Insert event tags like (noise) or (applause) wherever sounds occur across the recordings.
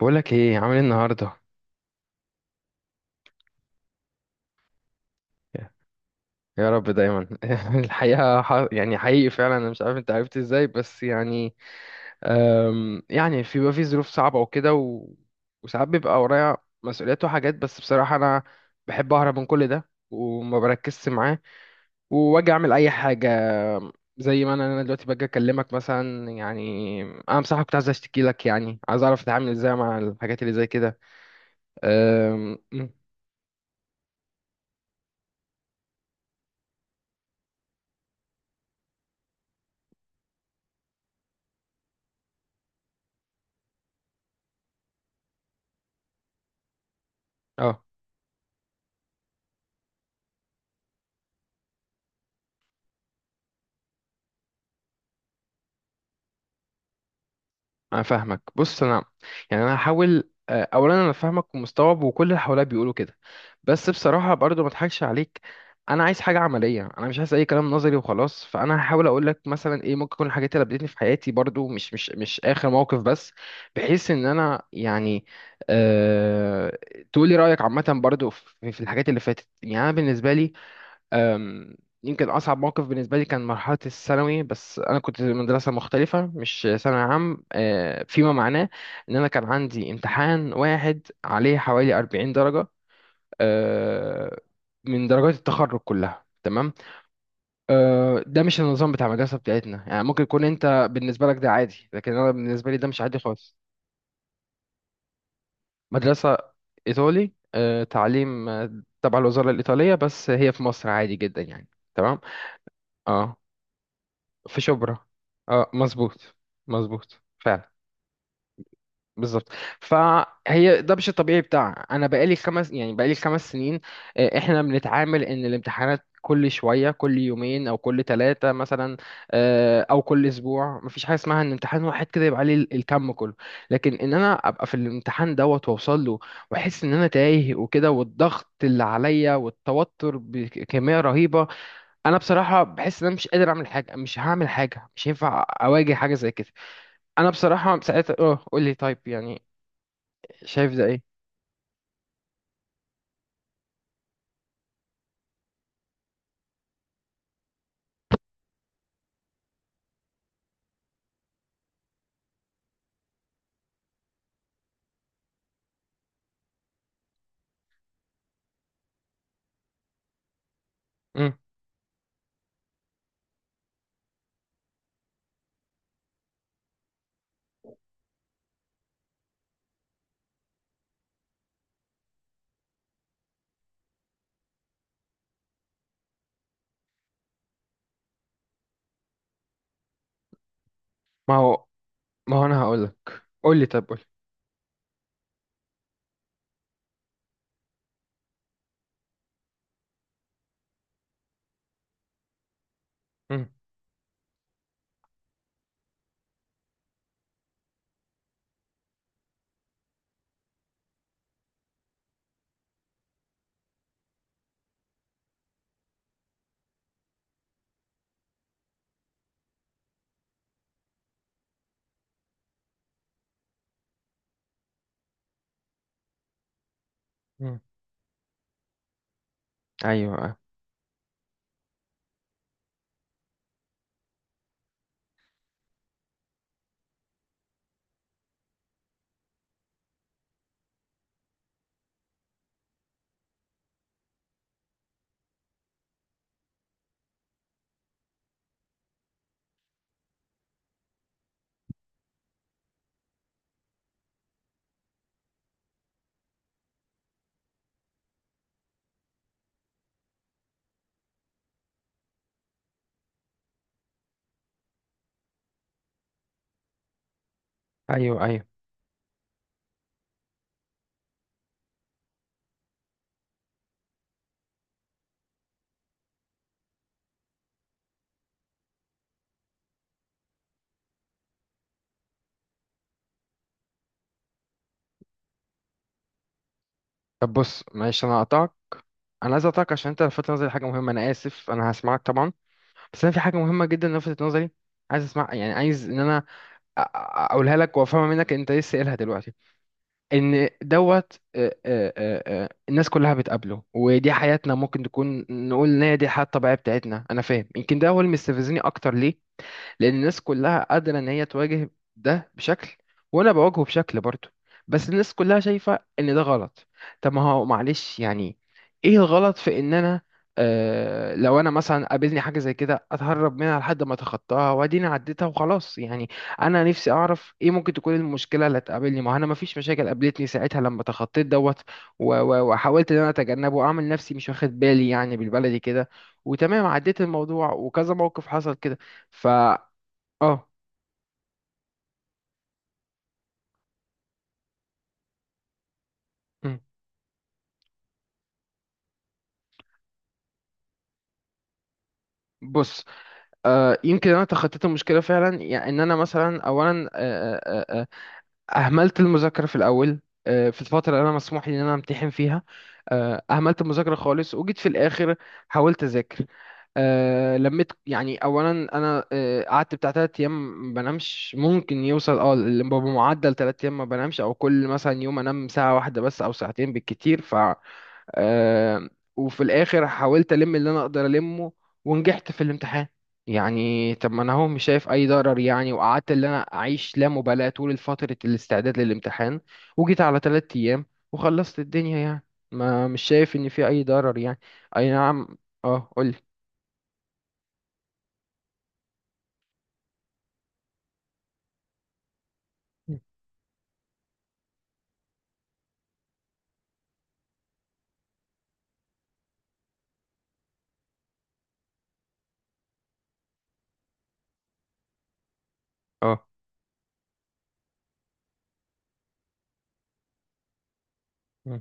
بقولك ايه، عامل ايه النهارده؟ يا رب دايما. (laughs) الحقيقه يعني حقيقي فعلا، انا مش عارف انت عرفت ازاي بس يعني. يعني بيبقى في ظروف صعبه وكده وساعات بيبقى ورايا مسؤوليات وحاجات، بس بصراحه انا بحب اهرب من كل ده وما بركزش معاه، واجي اعمل اي حاجه زي ما انا دلوقتي باجي اكلمك مثلا يعني. انا بصراحه كنت عايز اشتكي لك، يعني عايز اعرف اتعامل ازاي مع الحاجات اللي زي كده. أم، اه، انا فاهمك. بص، انا يعني انا هحاول. اولا انا فاهمك ومستوعب، وكل اللي حواليا بيقولوا كده، بس بصراحه برضو ما اضحكش عليك. انا عايز حاجه عمليه، انا مش عايز اي كلام نظري وخلاص. فانا هحاول اقول لك مثلا ايه ممكن تكون الحاجات اللي قابلتني في حياتي برضو، مش اخر موقف بس، بحيث ان انا يعني. أه... تقولي رايك عامه برضو في الحاجات اللي فاتت. يعني انا بالنسبه لي، أم، يمكن أصعب موقف بالنسبة لي كان مرحلة الثانوي، بس أنا كنت في مدرسة مختلفة، مش ثانوي عام. فيما معناه إن أنا كان عندي امتحان واحد عليه حوالي 40 درجة، أه، من درجات التخرج كلها. تمام. ده مش النظام بتاع المدرسة بتاعتنا يعني. ممكن يكون أنت بالنسبة لك ده عادي، لكن أنا بالنسبة لي ده مش عادي خالص. مدرسة إيطالي، تعليم تبع الوزارة الإيطالية، بس هي في مصر عادي جدا يعني. تمام. اه، في شبرا. اه، مظبوط. مظبوط فعلا. بالظبط. فهي ده مش الطبيعي بتاع. انا بقالي خمس، يعني بقالي خمس سنين احنا بنتعامل ان الامتحانات كل شويه، كل يومين او كل ثلاثه مثلا، او كل اسبوع. مفيش حاجه اسمها ان امتحان واحد كده يبقى عليه الكم كله. لكن ان انا ابقى في الامتحان دوت واوصل له، واحس ان انا تايه وكده، والضغط اللي عليا والتوتر بكميه رهيبه. انا بصراحه بحس ان انا مش قادر اعمل حاجه، مش هعمل حاجه، مش هينفع اواجه حاجه زي كده. انا بصراحه ساعتها اه، قول لي طيب يعني، شايف ده ايه؟ امم. ما هو، ما هو انا هقول لك. قول لي طب، قول. امم. امم. ايوه، ايوه، ايوه. طب بص، معلش انا هقطعك. انا عايز اقطعك عشان انت لفتت نظري حاجه مهمه. انا اسف، انا هسمعك طبعا، بس انا في حاجه مهمه جدا لفتت نظري. عايز اسمع يعني، عايز ان انا اقولها لك وافهمها منك انت لسه قايلها دلوقتي. ان دوت، الناس كلها بتقابله، ودي حياتنا، ممكن تكون نقول ان هي دي الحياه الطبيعيه بتاعتنا. انا فاهم، يمكن ده هو اللي مستفزني اكتر ليه، لان الناس كلها قادره ان هي تواجه ده بشكل، وانا بواجهه بشكل برضه، بس الناس كلها شايفه ان ده غلط. طب ما هو معلش يعني، ايه الغلط في ان انا آه، لو انا مثلا قابلني حاجه زي كده اتهرب منها لحد ما اتخطاها، واديني عديتها وخلاص يعني. انا نفسي اعرف ايه ممكن تكون المشكله اللي هتقابلني. ما هو انا ما فيش مشاكل قابلتني ساعتها لما تخطيت دوت، وحاولت ان انا اتجنبه واعمل نفسي مش واخد بالي، يعني بالبلدي كده. وتمام عديت الموضوع، وكذا موقف حصل كده. اه. مم. بص، آه، يمكن انا تخطيت المشكله فعلا يعني. ان انا مثلا اولا اهملت المذاكره في الاول، آه، في الفتره اللي انا مسموح لي ان انا امتحن فيها، آه، اهملت المذاكره خالص. وجيت في الاخر حاولت اذاكر. آه، لميت يعني. اولا انا آه، قعدت بتاع تلات ايام ما بنامش، ممكن يوصل اه بمعدل تلات ايام ما بنامش، او كل مثلا يوم انام ساعه واحده بس او ساعتين بالكتير. آه، وفي الاخر حاولت الم اللي انا اقدر المه، ونجحت في الامتحان. يعني طب، ما انا هو مش شايف اي ضرر يعني. وقعدت اللي انا اعيش لا مبالاة طول فترة الاستعداد للامتحان، وجيت على تلات ايام وخلصت الدنيا يعني. ما مش شايف ان في اي ضرر يعني. اي نعم. اه، قولي. مم. اه. مم،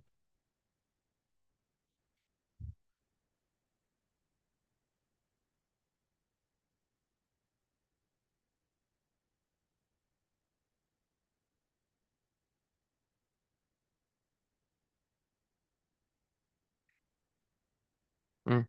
مم،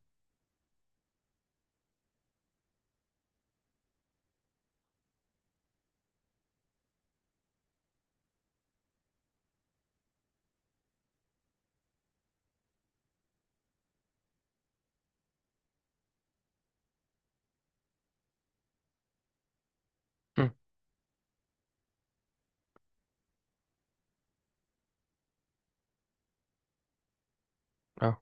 مم، اه،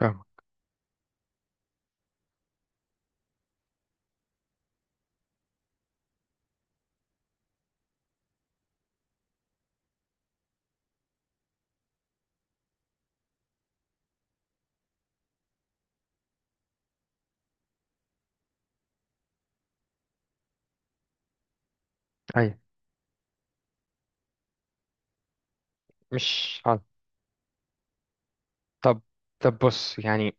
فاهمك. ايوه. مش حاضر. طب، طب بص يعني،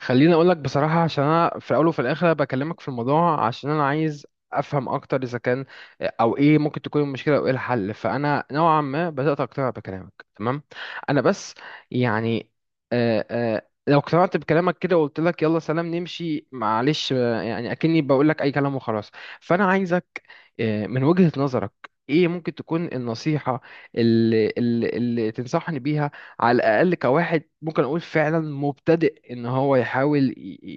خليني اقول لك بصراحه. عشان انا في الاول وفي الاخر بكلمك في الموضوع، عشان انا عايز افهم اكتر اذا كان، او ايه ممكن تكون المشكله، او ايه الحل. فانا نوعا ما بدات اقتنع بكلامك تمام. انا بس يعني لو اقتنعت بكلامك كده وقلت لك يلا سلام نمشي، معلش، يعني اكني بقول لك اي كلام وخلاص. فانا عايزك من وجهة نظرك، ايه ممكن تكون النصيحة اللي تنصحني بيها، على الأقل كواحد ممكن أقول فعلا مبتدئ، إن هو يحاول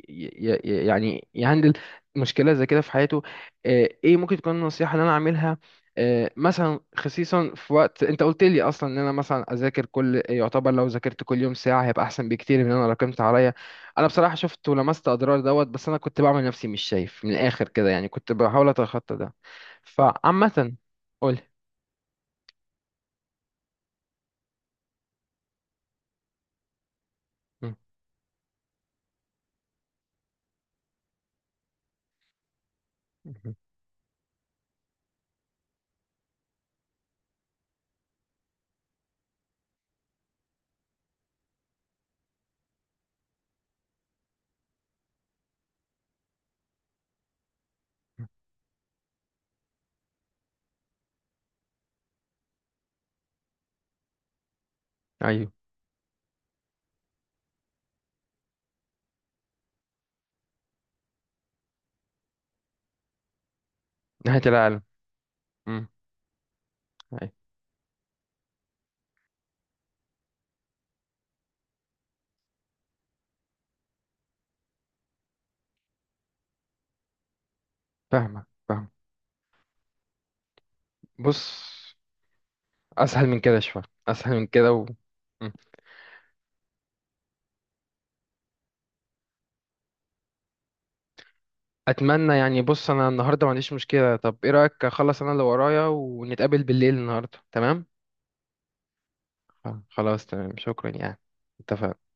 ي- يعني يهندل مشكلة زي كده في حياته. ايه ممكن تكون النصيحة اللي أنا أعملها؟ مثلا خصيصا في وقت انت قلت لي اصلا ان انا مثلا اذاكر كل، يعتبر لو ذاكرت كل يوم ساعه هيبقى احسن بكتير من ان انا راكمت عليا. انا بصراحه شفت ولمست اضرار دوت، بس انا كنت بعمل نفسي مش شايف. من الاخر كده يعني كنت بحاول اتخطى ده. فعامة. قولي. مم. مم. أيوه. نهاية العالم. مم. أيوه. فاهمك، فاهم. بص، أسهل من كده شوية، أسهل من كده مم. أتمنى يعني. بص، أنا النهاردة ما عنديش مشكلة. طب إيه رأيك أخلص أنا اللي ورايا، ونتقابل بالليل النهاردة؟ تمام. خلاص تمام، شكرا يعني. اتفقنا.